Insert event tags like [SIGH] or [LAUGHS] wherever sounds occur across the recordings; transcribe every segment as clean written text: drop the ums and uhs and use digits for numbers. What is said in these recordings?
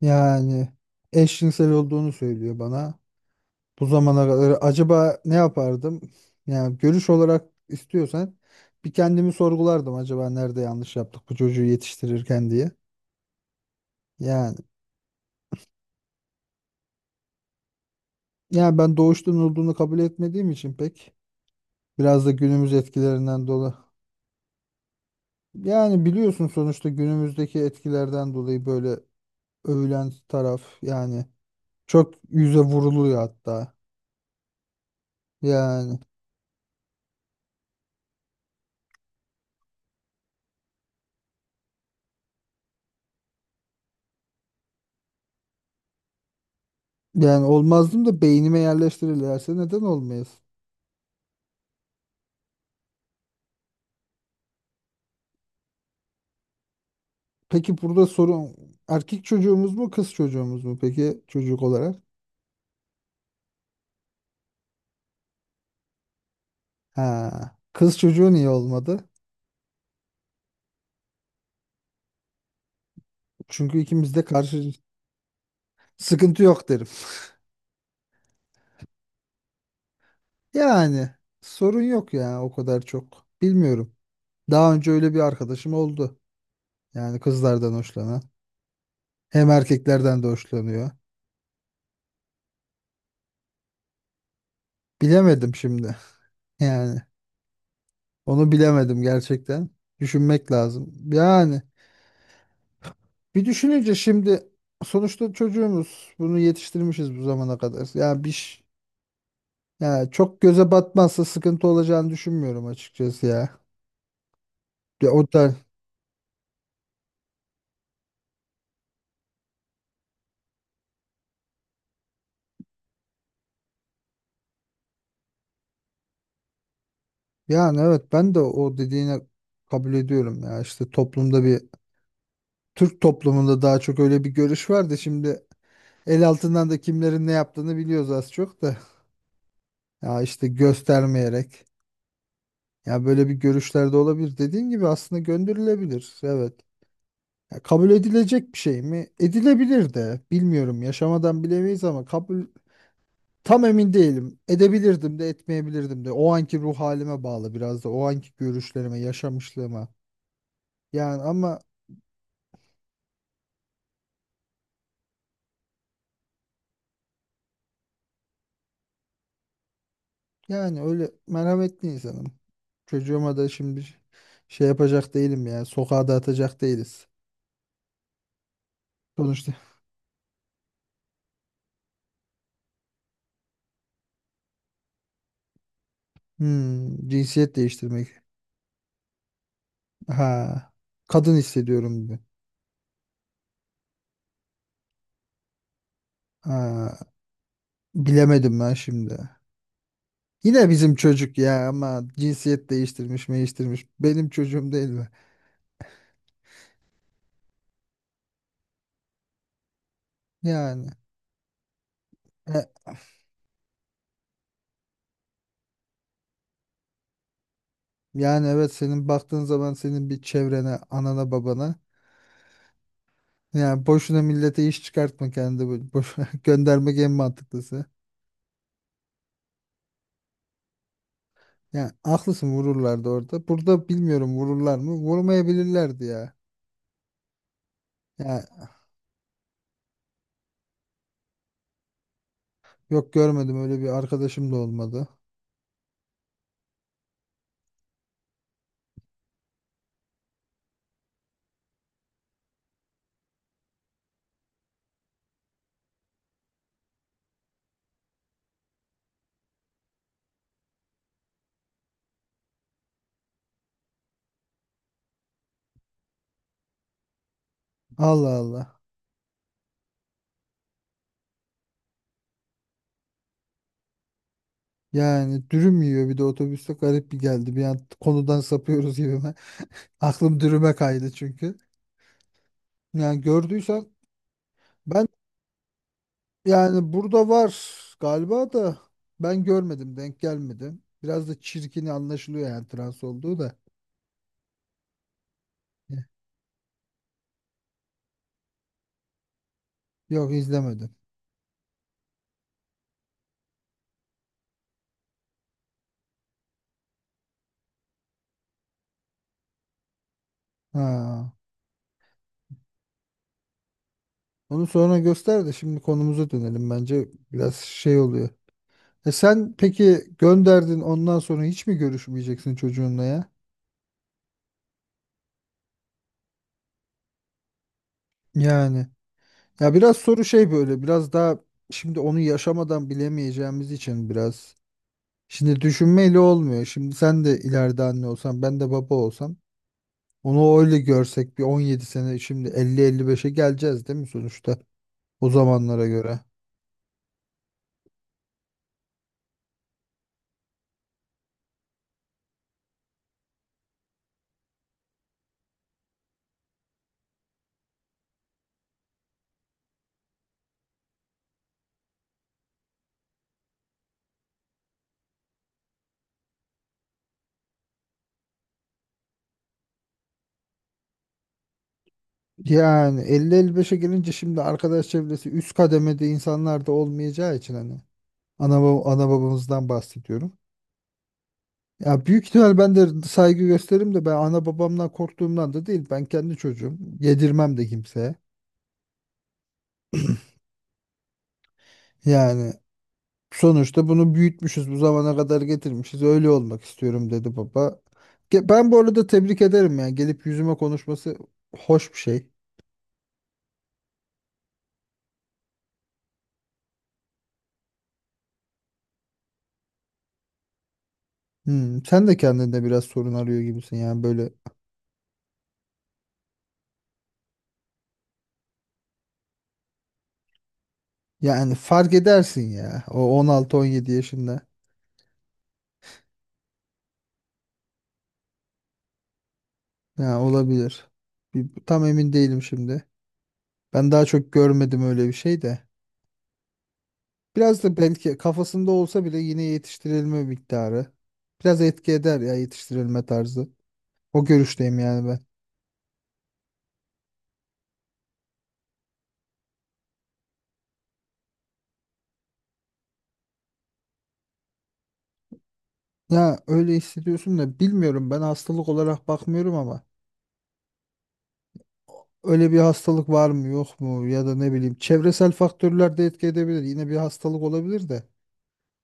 Yani eşcinsel olduğunu söylüyor bana. Bu zamana kadar acaba ne yapardım? Yani görüş olarak istiyorsan bir kendimi sorgulardım acaba nerede yanlış yaptık bu çocuğu yetiştirirken diye. Yani yani ben doğuştan olduğunu kabul etmediğim için pek biraz da günümüz etkilerinden dolayı. Yani biliyorsun sonuçta günümüzdeki etkilerden dolayı böyle övülen taraf yani çok yüze vuruluyor hatta. Yani Yani olmazdım da beynime yerleştirirlerse neden olmayız? Peki burada sorun erkek çocuğumuz mu kız çocuğumuz mu peki çocuk olarak? Ha, kız çocuğu niye olmadı? Çünkü ikimiz de karşı sıkıntı yok derim. [LAUGHS] Yani sorun yok ya o kadar çok. Bilmiyorum. Daha önce öyle bir arkadaşım oldu. Yani kızlardan hoşlanan. Hem erkeklerden de hoşlanıyor. Bilemedim şimdi. [LAUGHS] Yani onu bilemedim gerçekten. Düşünmek lazım. Yani bir düşününce şimdi sonuçta çocuğumuz bunu yetiştirmişiz bu zamana kadar. Ya çok göze batmazsa sıkıntı olacağını düşünmüyorum açıkçası ya. Ya o da yani evet ben de o dediğine kabul ediyorum ya işte toplumda bir Türk toplumunda daha çok öyle bir görüş vardı. Şimdi el altından da kimlerin ne yaptığını biliyoruz az çok da. Ya işte göstermeyerek ya böyle bir görüşler de olabilir. Dediğin gibi aslında gönderilebilir. Evet. Ya kabul edilecek bir şey mi? Edilebilir de. Bilmiyorum. Yaşamadan bilemeyiz ama kabul tam emin değilim. Edebilirdim de etmeyebilirdim de. O anki ruh halime bağlı biraz da. O anki görüşlerime, yaşamışlığıma. Yani ama yani öyle merhametli insanım. Çocuğuma da şimdi şey yapacak değilim ya. Sokağa da atacak değiliz. Sonuçta. Hmm, cinsiyet değiştirmek. Ha. Kadın hissediyorum, diyor. Ha. Bilemedim ben şimdi. Yine bizim çocuk ya ama cinsiyet değiştirmiş, değiştirmiş. Benim çocuğum değil mi? Yani. e, evet senin baktığın zaman senin bir çevrene, anana, babana. Yani boşuna millete iş çıkartma kendi boş [LAUGHS] göndermek en mantıklısı. Yani haklısın vururlardı orada. Burada bilmiyorum vururlar mı? Vurmayabilirlerdi ya. Ya yok görmedim öyle bir arkadaşım da olmadı. Allah Allah. Yani dürüm yiyor bir de otobüste garip bir geldi. Bir an konudan sapıyoruz gibi. [LAUGHS] Aklım dürüme kaydı çünkü. Yani gördüysen ben yani burada var galiba da ben görmedim denk gelmedim. Biraz da çirkin anlaşılıyor yani trans olduğu da. Eh, yok izlemedim. Ha. Onu sonra göster de şimdi konumuza dönelim bence biraz şey oluyor. E sen peki gönderdin ondan sonra hiç mi görüşmeyeceksin çocuğunla ya? Yani ya biraz soru şey böyle biraz daha şimdi onu yaşamadan bilemeyeceğimiz için biraz. Şimdi düşünmeyle olmuyor. Şimdi sen de ileride anne olsan, ben de baba olsam, onu öyle görsek bir 17 sene şimdi 50-55'e geleceğiz değil mi sonuçta o zamanlara göre? Yani 50-55'e gelince şimdi arkadaş çevresi üst kademede insanlar da olmayacağı için hani. Ana babamızdan bahsediyorum. Ya büyük ihtimal ben de saygı gösteririm de ben ana babamdan korktuğumdan da değil. Ben kendi çocuğum. Yedirmem de kimseye. Yani sonuçta bunu büyütmüşüz, bu zamana kadar getirmişiz. Öyle olmak istiyorum dedi baba. Ben bu arada tebrik ederim yani gelip yüzüme konuşması hoş bir şey. Hmm, sen de kendinde biraz sorun arıyor gibisin yani böyle. Yani fark edersin ya o 16-17 yaşında. Yani olabilir. Tam emin değilim şimdi. Ben daha çok görmedim öyle bir şey de. Biraz da belki kafasında olsa bile yine yetiştirilme miktarı. Biraz etki eder ya yetiştirilme tarzı. O görüşteyim yani ben. Ya öyle hissediyorsun da bilmiyorum ben hastalık olarak bakmıyorum ama öyle bir hastalık var mı yok mu ya da ne bileyim çevresel faktörler de etki edebilir. Yine bir hastalık olabilir de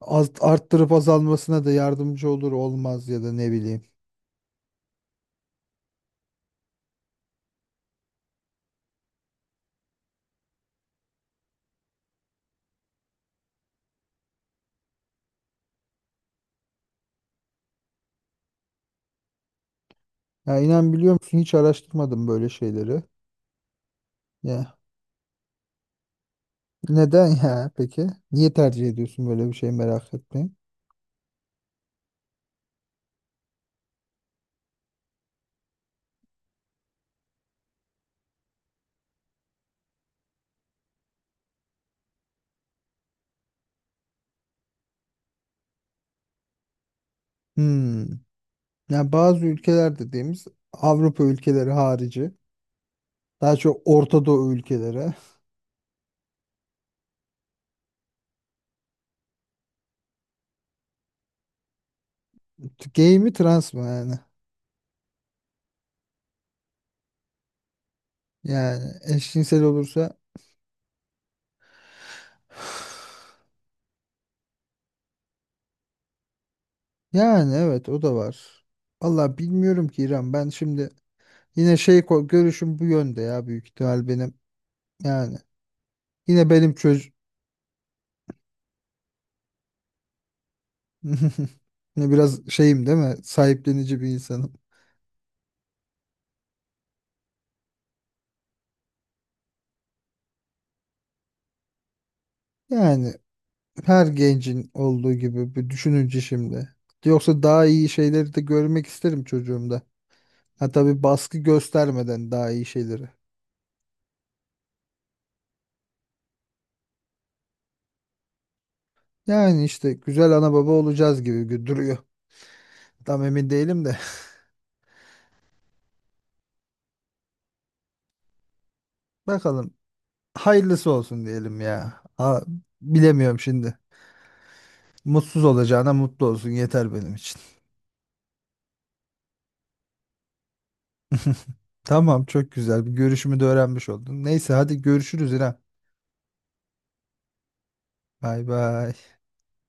az, arttırıp azalmasına da yardımcı olur olmaz ya da ne bileyim. Ya inan biliyor musun hiç araştırmadım böyle şeyleri. Ya. Neden ya peki? Niye tercih ediyorsun böyle bir şey merak etmeyin. Hmm. Yani bazı ülkeler dediğimiz Avrupa ülkeleri harici. Daha çok Orta Doğu ülkeleri. Gay mi trans mı yani? Yani eşcinsel olursa yani evet o da var. Valla bilmiyorum ki İrem ben şimdi yine şey görüşüm bu yönde ya büyük ihtimal benim. Yani yine benim çöz [LAUGHS] Ne biraz şeyim değil mi? Sahiplenici bir insanım. Yani her gencin olduğu gibi bir düşününce şimdi. Yoksa daha iyi şeyleri de görmek isterim çocuğumda. Ha tabii baskı göstermeden daha iyi şeyleri. Yani işte güzel ana baba olacağız gibi duruyor. Tam emin değilim de. [LAUGHS] Bakalım. Hayırlısı olsun diyelim ya. Ha, bilemiyorum şimdi. Mutsuz olacağına mutlu olsun yeter benim için. [LAUGHS] Tamam çok güzel. Bir görüşümü de öğrenmiş oldun. Neyse hadi görüşürüz İrem. Bay bay.